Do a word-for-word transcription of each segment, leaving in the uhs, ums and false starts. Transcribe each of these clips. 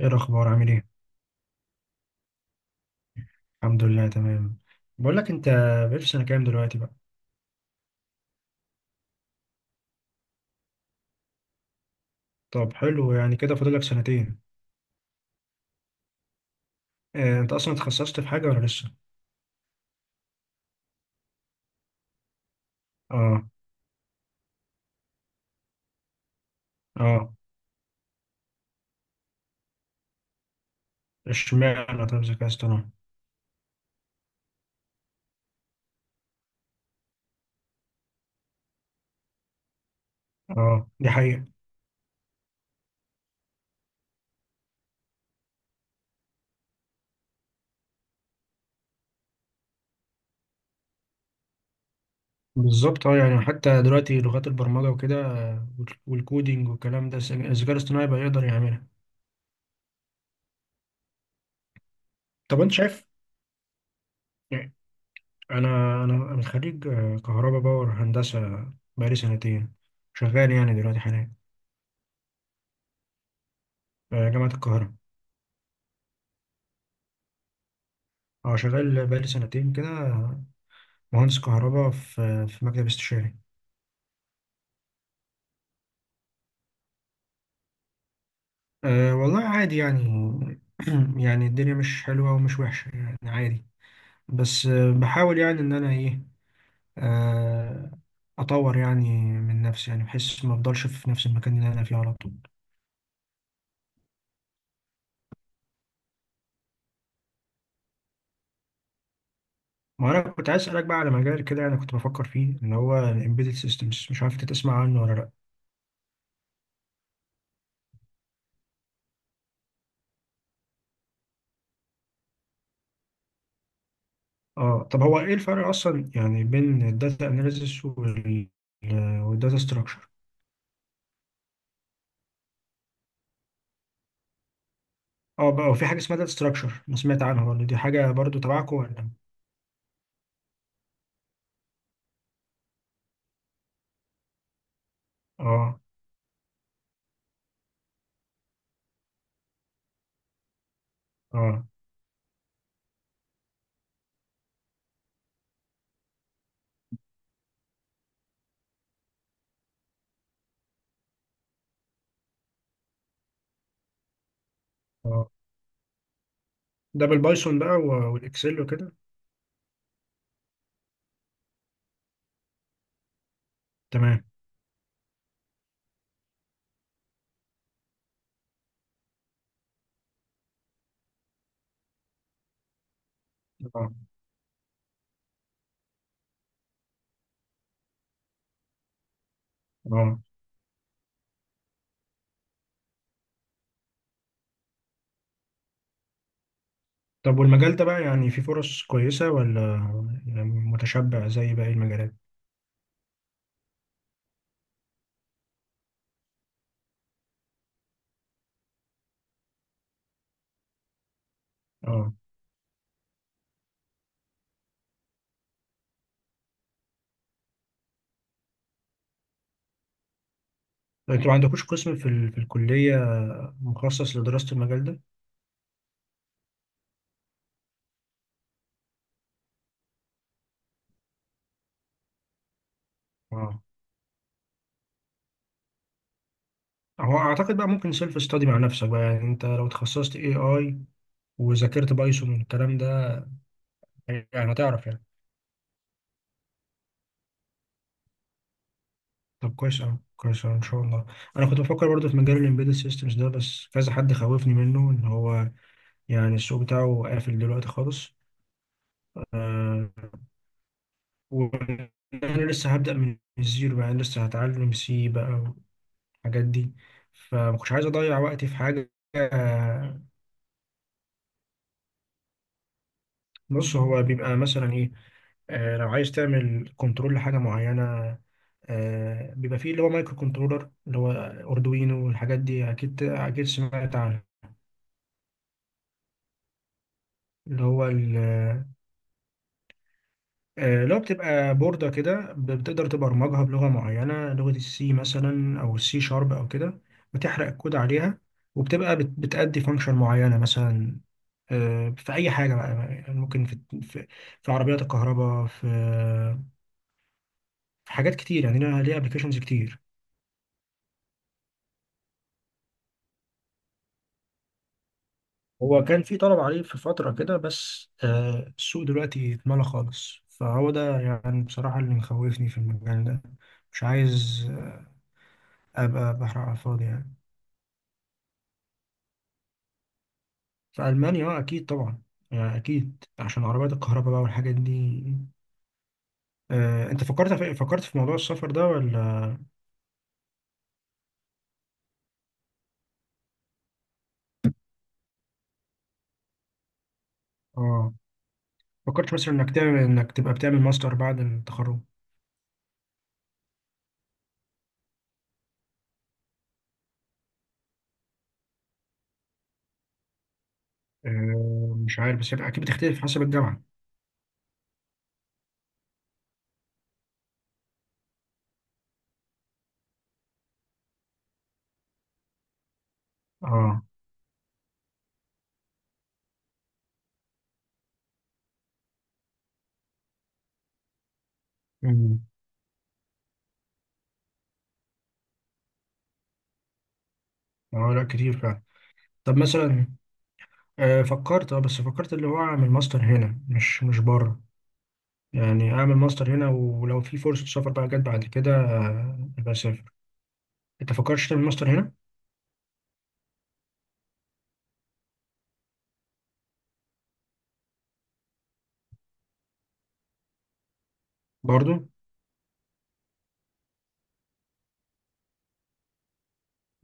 ايه الاخبار؟ عامل ايه؟ الحمد لله، تمام. بقول لك انت، بقيت في سنه كام دلوقتي بقى؟ طب حلو، يعني كده فاضل لك سنتين. آه، انت اصلا اتخصصت في حاجه ولا لسه؟ اه. اه. اشمعنى طب ذكاء اصطناعي؟ اه، دي حقيقه. بالظبط اه، يعني حتى دلوقتي لغات البرمجه وكده، آه، وال- والكودينج والكلام ده الس- الذكاء الاصطناعي بقى يقدر يعملها. طب انت شايف، يعني، انا انا أنا خريج آه، كهرباء باور هندسه، بقالي سنتين شغال يعني دلوقتي حاليا. آه، جامعه القاهره. اه، شغال بقالي سنتين كده. مهندس كهرباء في في مكتب استشاري. أه والله عادي يعني. يعني الدنيا مش حلوة ومش وحشة، يعني عادي. بس آه، بحاول يعني إن أنا إيه، آه، أطور يعني من نفسي، يعني بحيث ما أفضلش في نفس المكان اللي أنا فيه على طول. ما أنا كنت عايز أسألك بقى على مجال كده أنا كنت بفكر فيه، اللي هو ال Embedded Systems، مش عارف أنت تسمع عنه ولا لأ. أه، طب هو إيه الفرق أصلا يعني بين الداتا أناليسيس وال، آه، والداتا Structure. اه بقى، وفي حاجة اسمها داتا ستراكشر، انا سمعت عنها برضه، دي حاجة برضه تبعكم ولا؟ اه. اه. اه. ده بالبايثون بقى و- والاكسل وكده. تمام. اه. اه. طب والمجال ده بقى يعني في فرص كويسة، ولا يعني متشبع زي باقي المجالات؟ اه. طب انتوا ما عندكوش قسم في ال... في الكلية مخصص لدراسة المجال ده؟ اه. هو اعتقد بقى ممكن سيلف ستادي مع نفسك بقى، يعني انت لو تخصصت اي اي، وذاكرت بايثون والكلام ده، يعني هتعرف يعني. طب كويس أوي كويس أوي، إن شاء الله. أنا كنت بفكر برضه في مجال الإمبيدد سيستمز ده، بس كذا حد خوفني منه إن هو يعني السوق بتاعه قافل دلوقتي خالص. آه وأنا لسه هبدأ من الزيرو، يعني لسه هتعلم سي بقى والحاجات دي. فما كنتش عايز أضيع وقتي في حاجة آه، بص هو بيبقى مثلا إيه، آه لو عايز تعمل كنترول لحاجة معينة، آه بيبقى فيه اللي هو مايكرو كنترولر اللي هو أردوينو والحاجات دي، أكيد أكيد سمعت عنها. اللي هو ال، آه، لو بتبقى بوردة كده، ب- بتقدر تبرمجها بلغة معينة، لغة السي مثلا أو السي شارب أو كده. وتحرق الكود عليها. وبتبقى بت- بتأدي فانكشن معينة مثلا، آه، في أي حاجة بقى. يعني ممكن في في, في عربيات الكهرباء، في, في حاجات كتير، يعني لها ليها أبلكيشنز كتير. هو كان في طلب عليه في فترة كده، بس آه، السوق دلوقتي اتملى خالص، فهو ده يعني بصراحة اللي مخوفني في المجال ده. مش عايز أبقى بحرق على الفاضي يعني. في ألمانيا اه أكيد طبعا، آه، أكيد عشان عربيات الكهرباء بقى والحاجات دي. آه، أنت فكرت في فكرت في موضوع السفر ده ولا؟ اه. فكرت مثلا إنك تعمل إنك تبقى بتعمل ماستر بعد التخرج؟ آه، مش عارف، بس أكيد بتختلف حسب الجامعة. اه. أمم. اه، لا كتير فعلا. طب مثلا، آه، فكرت اه بس فكرت اللي هو أعمل ماستر هنا، مش مش بره. يعني أعمل ماستر هنا، ولو في فرصة سفر بقى جت بعد كده آه، أبقى أسافر. أنت فكرتش تعمل ماستر هنا؟ برضه؟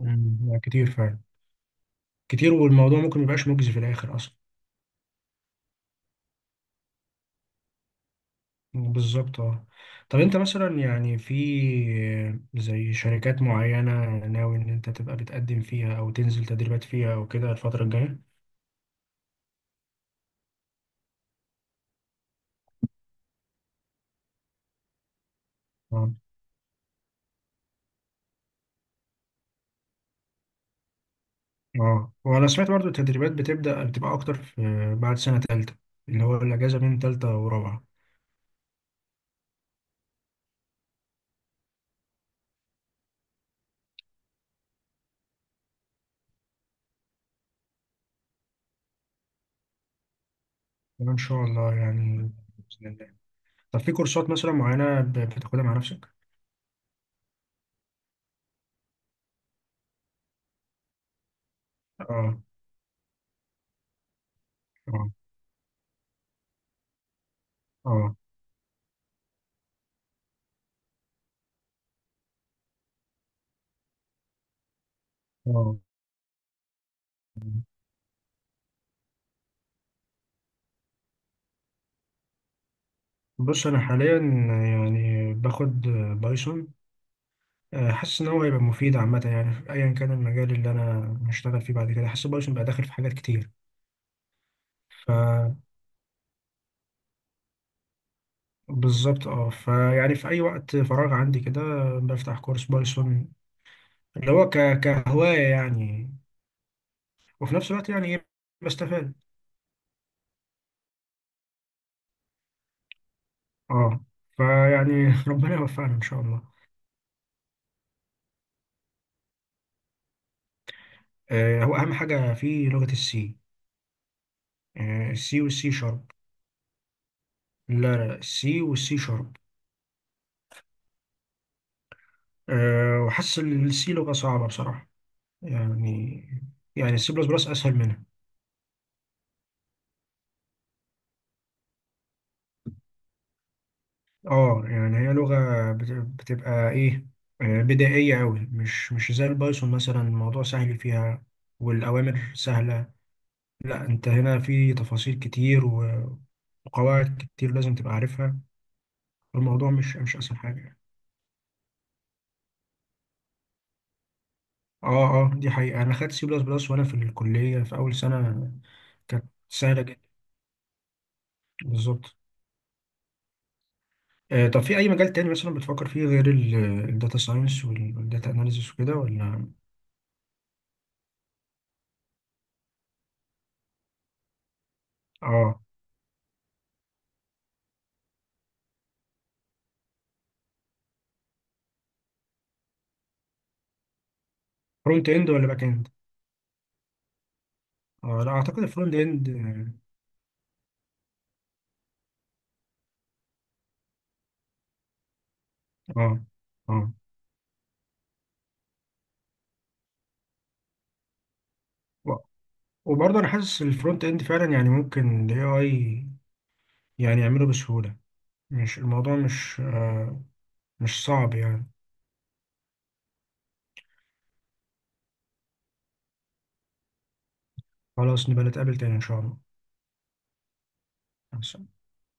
أمم، لا كتير فعلا. كتير، والموضوع ممكن ميبقاش مجزي في الآخر أصلا. بالظبط اه. طب أنت مثلا يعني في، زي شركات معينة ناوي إن أنت تبقى بتقدم فيها أو تنزل تدريبات فيها أو كده الفترة الجاية؟ اه. اه، وأنا سمعت برضو التدريبات بتبدأ بتبقى أكتر في بعد سنة تالتة، اللي هو الأجازة بين تالتة ورابعة. إن شاء الله يعني. بإذن الله. طب في كورسات مثلا معينة ب- بتاخدها مع نفسك؟ اه. اه. اه. اه. بص انا حاليا يعني باخد بايثون. آه، حاسس إن هو هيبقى مفيد عامة، يعني في أيا كان المجال اللي أنا هشتغل فيه بعد كده، حاسس بايثون بقى داخل في حاجات كتير. فبالظبط. اه، فيعني في أي وقت فراغ عندي كده بفتح كورس بايثون، اللي هو ك... كهواية يعني، وفي نفس الوقت يعني إيه، بستفاد. اه. فيعني ربنا يوفقنا إن شاء الله. آه، هو أهم حاجة في لغة السي. آه، السي والسي شارب. لا. لا، السي والسي شارب. أه، وحاسس إن السي لغة صعبة بصراحة، يعني، يعني السي بلس بلس أسهل منها. اه، يعني هي لغة بت- بتبقى ايه، آه، بدائية أوي، مش مش زي البايثون، مثلا الموضوع سهل فيها والأوامر سهلة. لا، أنت هنا في تفاصيل كتير و- وقواعد كتير لازم تبقى عارفها. الموضوع مش مش أسهل حاجة يعني. اه. اه دي حقيقة، أنا خدت سي بلس بلس وأنا في الكلية في أول سنة، كانت سهلة جدا. بالظبط. آه، طب في أي مجال تاني مثلا بتفكر فيه غير الداتا ساينس والداتا أناليسيس وكده ولا؟ اه. فرونت إند ولا باك إند؟ اه، لا اعتقد الفرونت اند. اه. اه، آه. و- وبرضه انا حاسس الفرونت اند فعلا، يعني ممكن الاي اي يعني يعمله بسهولة، مش، الموضوع مش آه مش صعب يعني. خلاص نبقى نتقابل تاني ان شاء الله